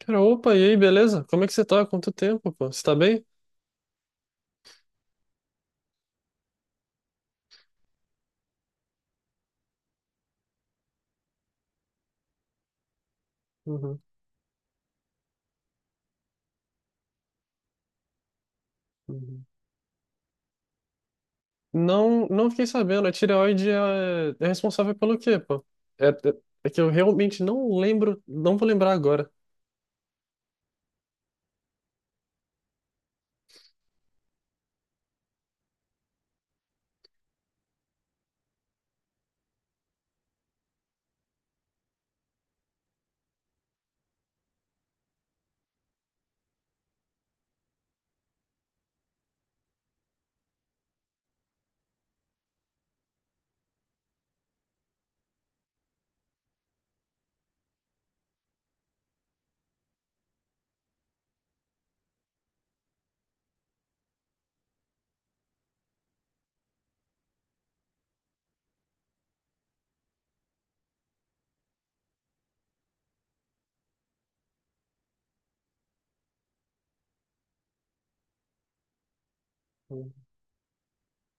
Cara, opa, e aí, beleza? Como é que você tá? Quanto tempo, pô? Você tá bem? Uhum, uhum. Não, não fiquei sabendo. A tireoide é responsável pelo quê, pô? É, é, é que eu realmente não lembro, não vou lembrar agora. Uhum.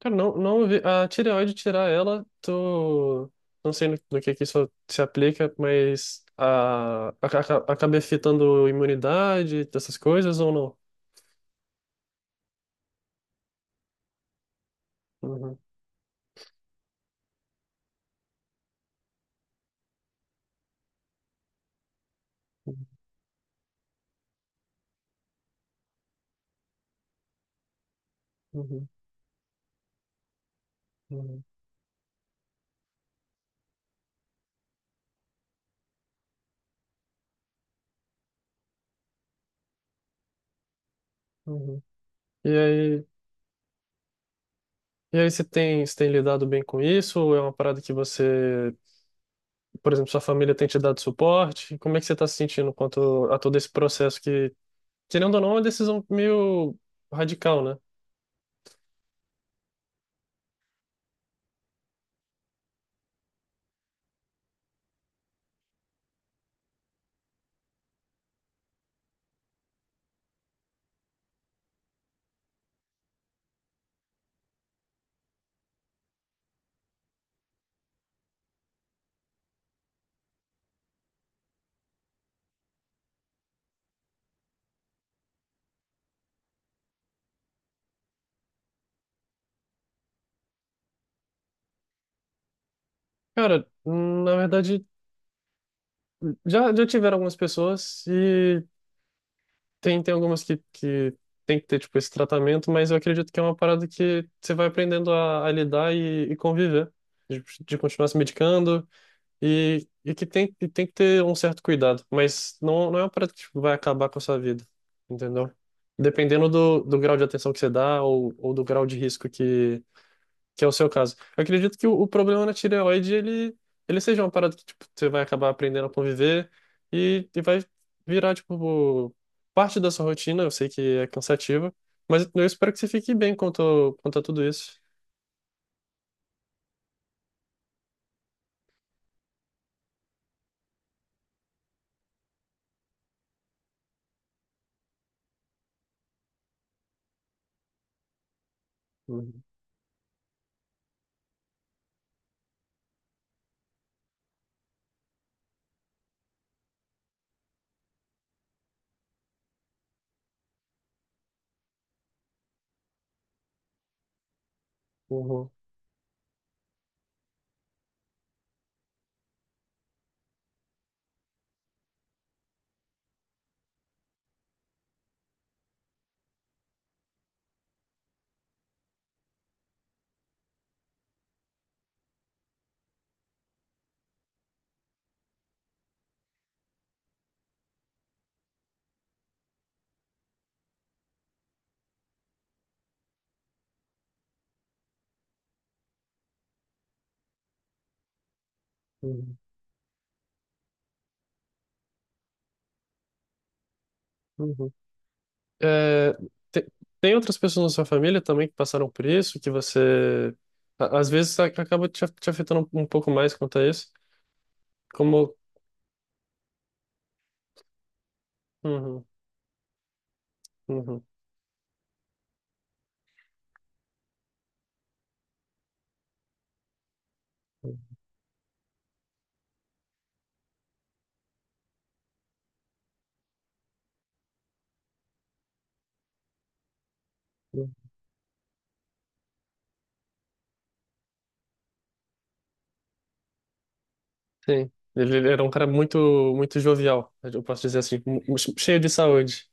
Cara, não, não vi. A tireoide, tirar ela, tô... Não sei no que isso se aplica, mas acaba afetando imunidade, essas coisas ou não? Uhum, uhum, uhum, uhum. E aí? E aí, você tem lidado bem com isso? Ou é uma parada que você, por exemplo, sua família tem te dado suporte? Como é que você está se sentindo quanto a todo esse processo que, querendo ou não, é uma decisão meio radical, né? Cara, na verdade, já tiveram algumas pessoas e tem algumas que tem que ter, tipo, esse tratamento, mas eu acredito que é uma parada que você vai aprendendo a lidar e conviver, de continuar se medicando. E que tem, e tem que ter um certo cuidado, mas não, não é uma parada que tipo, vai acabar com a sua vida, entendeu? Dependendo do grau de atenção que você dá ou do grau de risco que é o seu caso. Eu acredito que o problema na tireoide, ele seja uma parada que tipo, você vai acabar aprendendo a conviver e vai virar tipo, parte da sua rotina. Eu sei que é cansativa, mas eu espero que você fique bem quanto, quanto a tudo isso. Uhum, uhum, uhum, uhum. É, te- tem outras pessoas na sua família também que passaram por isso, que você às vezes acaba te, te afetando um pouco mais quanto a isso. Como Uhum, uhum, uhum. Sim, ele era um cara muito muito jovial, eu posso dizer assim, cheio de saúde.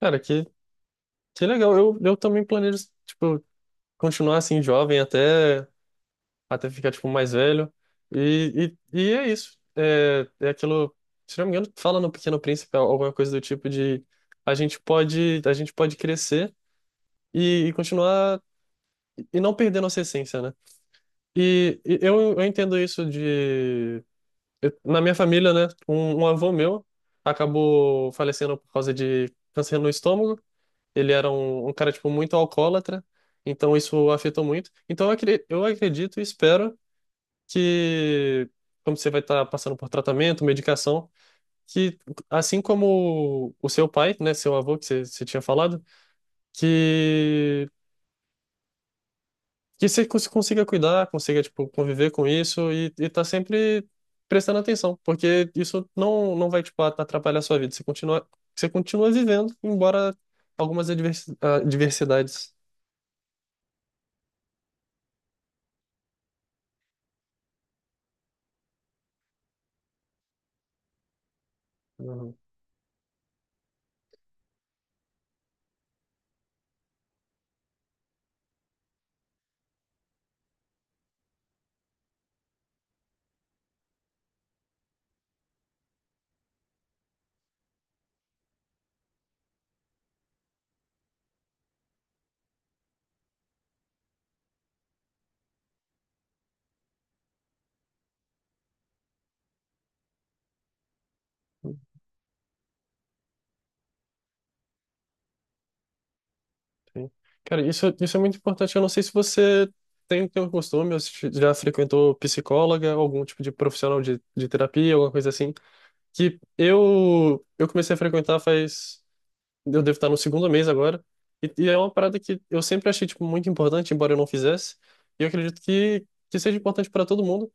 Cara, que legal. Eu também planejo tipo continuar assim jovem até até ficar, tipo, mais velho. E é isso. É, é aquilo, se não me engano, fala no Pequeno Príncipe alguma coisa do tipo de a gente pode crescer e continuar e não perder nossa essência, né? Eu entendo isso de... eu- na minha família, né, um avô meu acabou falecendo por causa de câncer no estômago. Ele era um cara, tipo, muito alcoólatra. Então isso afetou muito. Então eu acredito e espero que, como você vai estar passando por tratamento, medicação, que assim como o seu pai, né, seu avô que você tinha falado, que que você consiga cuidar, consiga tipo conviver com isso e tá sempre prestando atenção, porque isso não não vai tipo atrapalhar a sua vida. Você continua vivendo, embora algumas adversidades. Uhum. Sim. Cara, isso é muito importante. Eu não sei se você tem o costume, ou se já frequentou psicóloga, algum tipo de profissional de terapia, alguma coisa assim. Que eu comecei a frequentar faz. Eu devo estar no segundo mês agora. É uma parada que eu sempre achei, tipo, muito importante, embora eu não fizesse. E eu acredito que seja importante para todo mundo.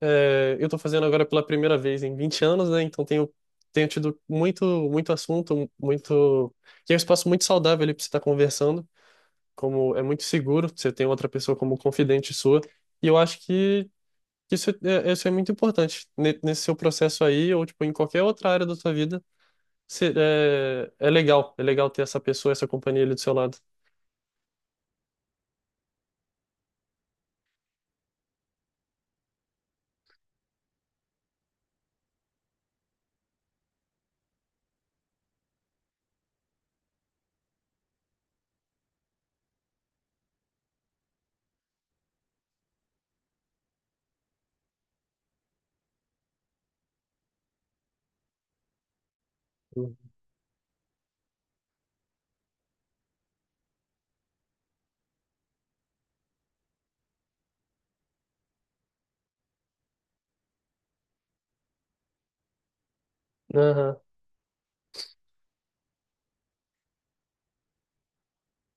É, eu estou fazendo agora pela primeira vez em 20 anos, né? Então tenho, tenho tido muito, muito assunto, muito. Que é um espaço muito saudável ali para você estar conversando como é muito seguro, você tem outra pessoa como confidente sua, e eu acho que isso é muito importante nesse seu processo aí, ou tipo, em qualquer outra área da sua vida, você- é, é legal ter essa pessoa, essa companhia ali do seu lado. Uhum. Aham,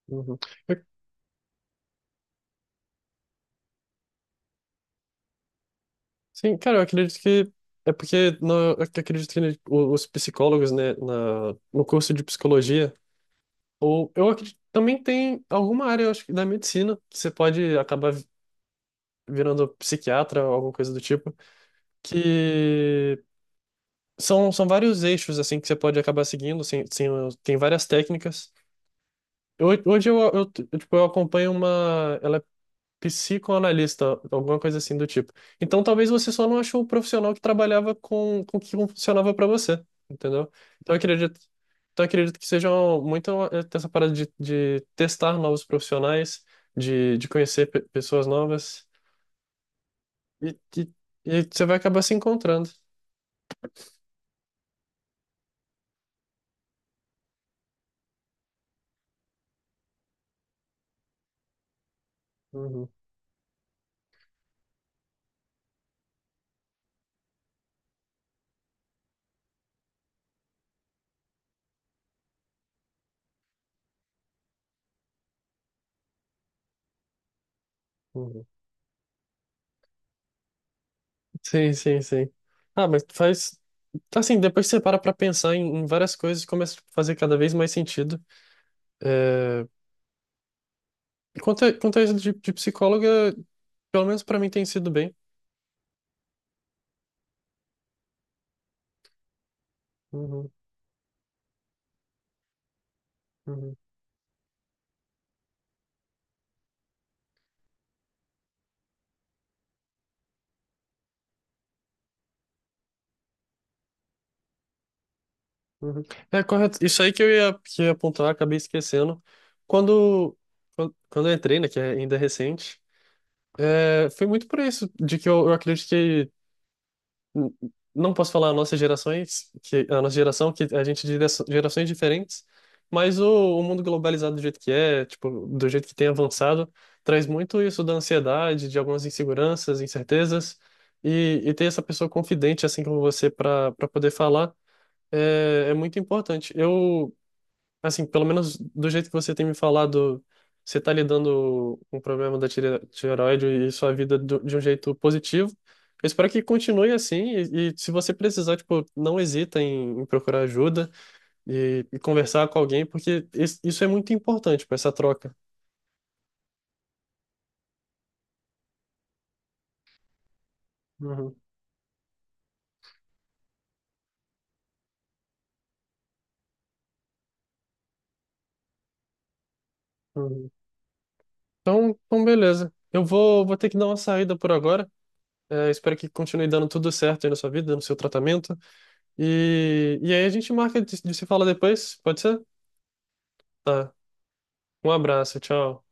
uhum. Eu- sim, cara, eu acredito que é porque no, eu acredito que os psicólogos, né, na, no curso de psicologia, ou eu acredito, também tem alguma área, eu acho que da medicina, que você pode acabar virando psiquiatra ou alguma coisa do tipo. Que são, são vários eixos assim que você pode acabar seguindo, sem, sem, tem várias técnicas. Eu- Hoje eu, tipo, eu acompanho uma, ela é psicoanalista, alguma coisa assim do tipo. Então talvez você só não achou o profissional que trabalhava com o que funcionava para você, entendeu? Então eu acredito, então eu acredito que seja muito essa parada de testar novos profissionais, de conhecer pessoas novas e, e, e você vai acabar se encontrando. Uhum, uhum. Sim, sim, sim. Ah, mas faz. Assim, depois você para pra pensar em, em várias coisas, e começa a fazer cada vez mais sentido. É... Quanto a, quanto a isso de psicóloga, pelo menos pra mim tem sido bem. Uhum, uhum, uhum. É correto. Isso aí que que eu ia apontar, acabei esquecendo. Quando, Quando eu entrei, né, que é ainda recente, é, foi muito por isso, de que eu acredito que n- não posso falar nossas gerações, que a nossa geração, que a gente é de gerações diferentes, mas o mundo globalizado do jeito que é, tipo, do jeito que tem avançado, traz muito isso da ansiedade, de algumas inseguranças, incertezas, ter essa pessoa confidente assim como você para para poder falar é, é muito importante. Eu Assim, pelo menos do jeito que você tem me falado, você tá lidando com o problema da tireoide e sua vida de um jeito positivo. Eu espero que continue assim e se você precisar, tipo, não hesita em procurar ajuda e conversar com alguém, porque isso é muito importante para essa troca. Uhum, uhum. Então, beleza. Vou ter que dar uma saída por agora. É, espero que continue dando tudo certo aí na sua vida, no seu tratamento. Aí a gente marca de se falar depois, pode ser? Tá. Um abraço, tchau.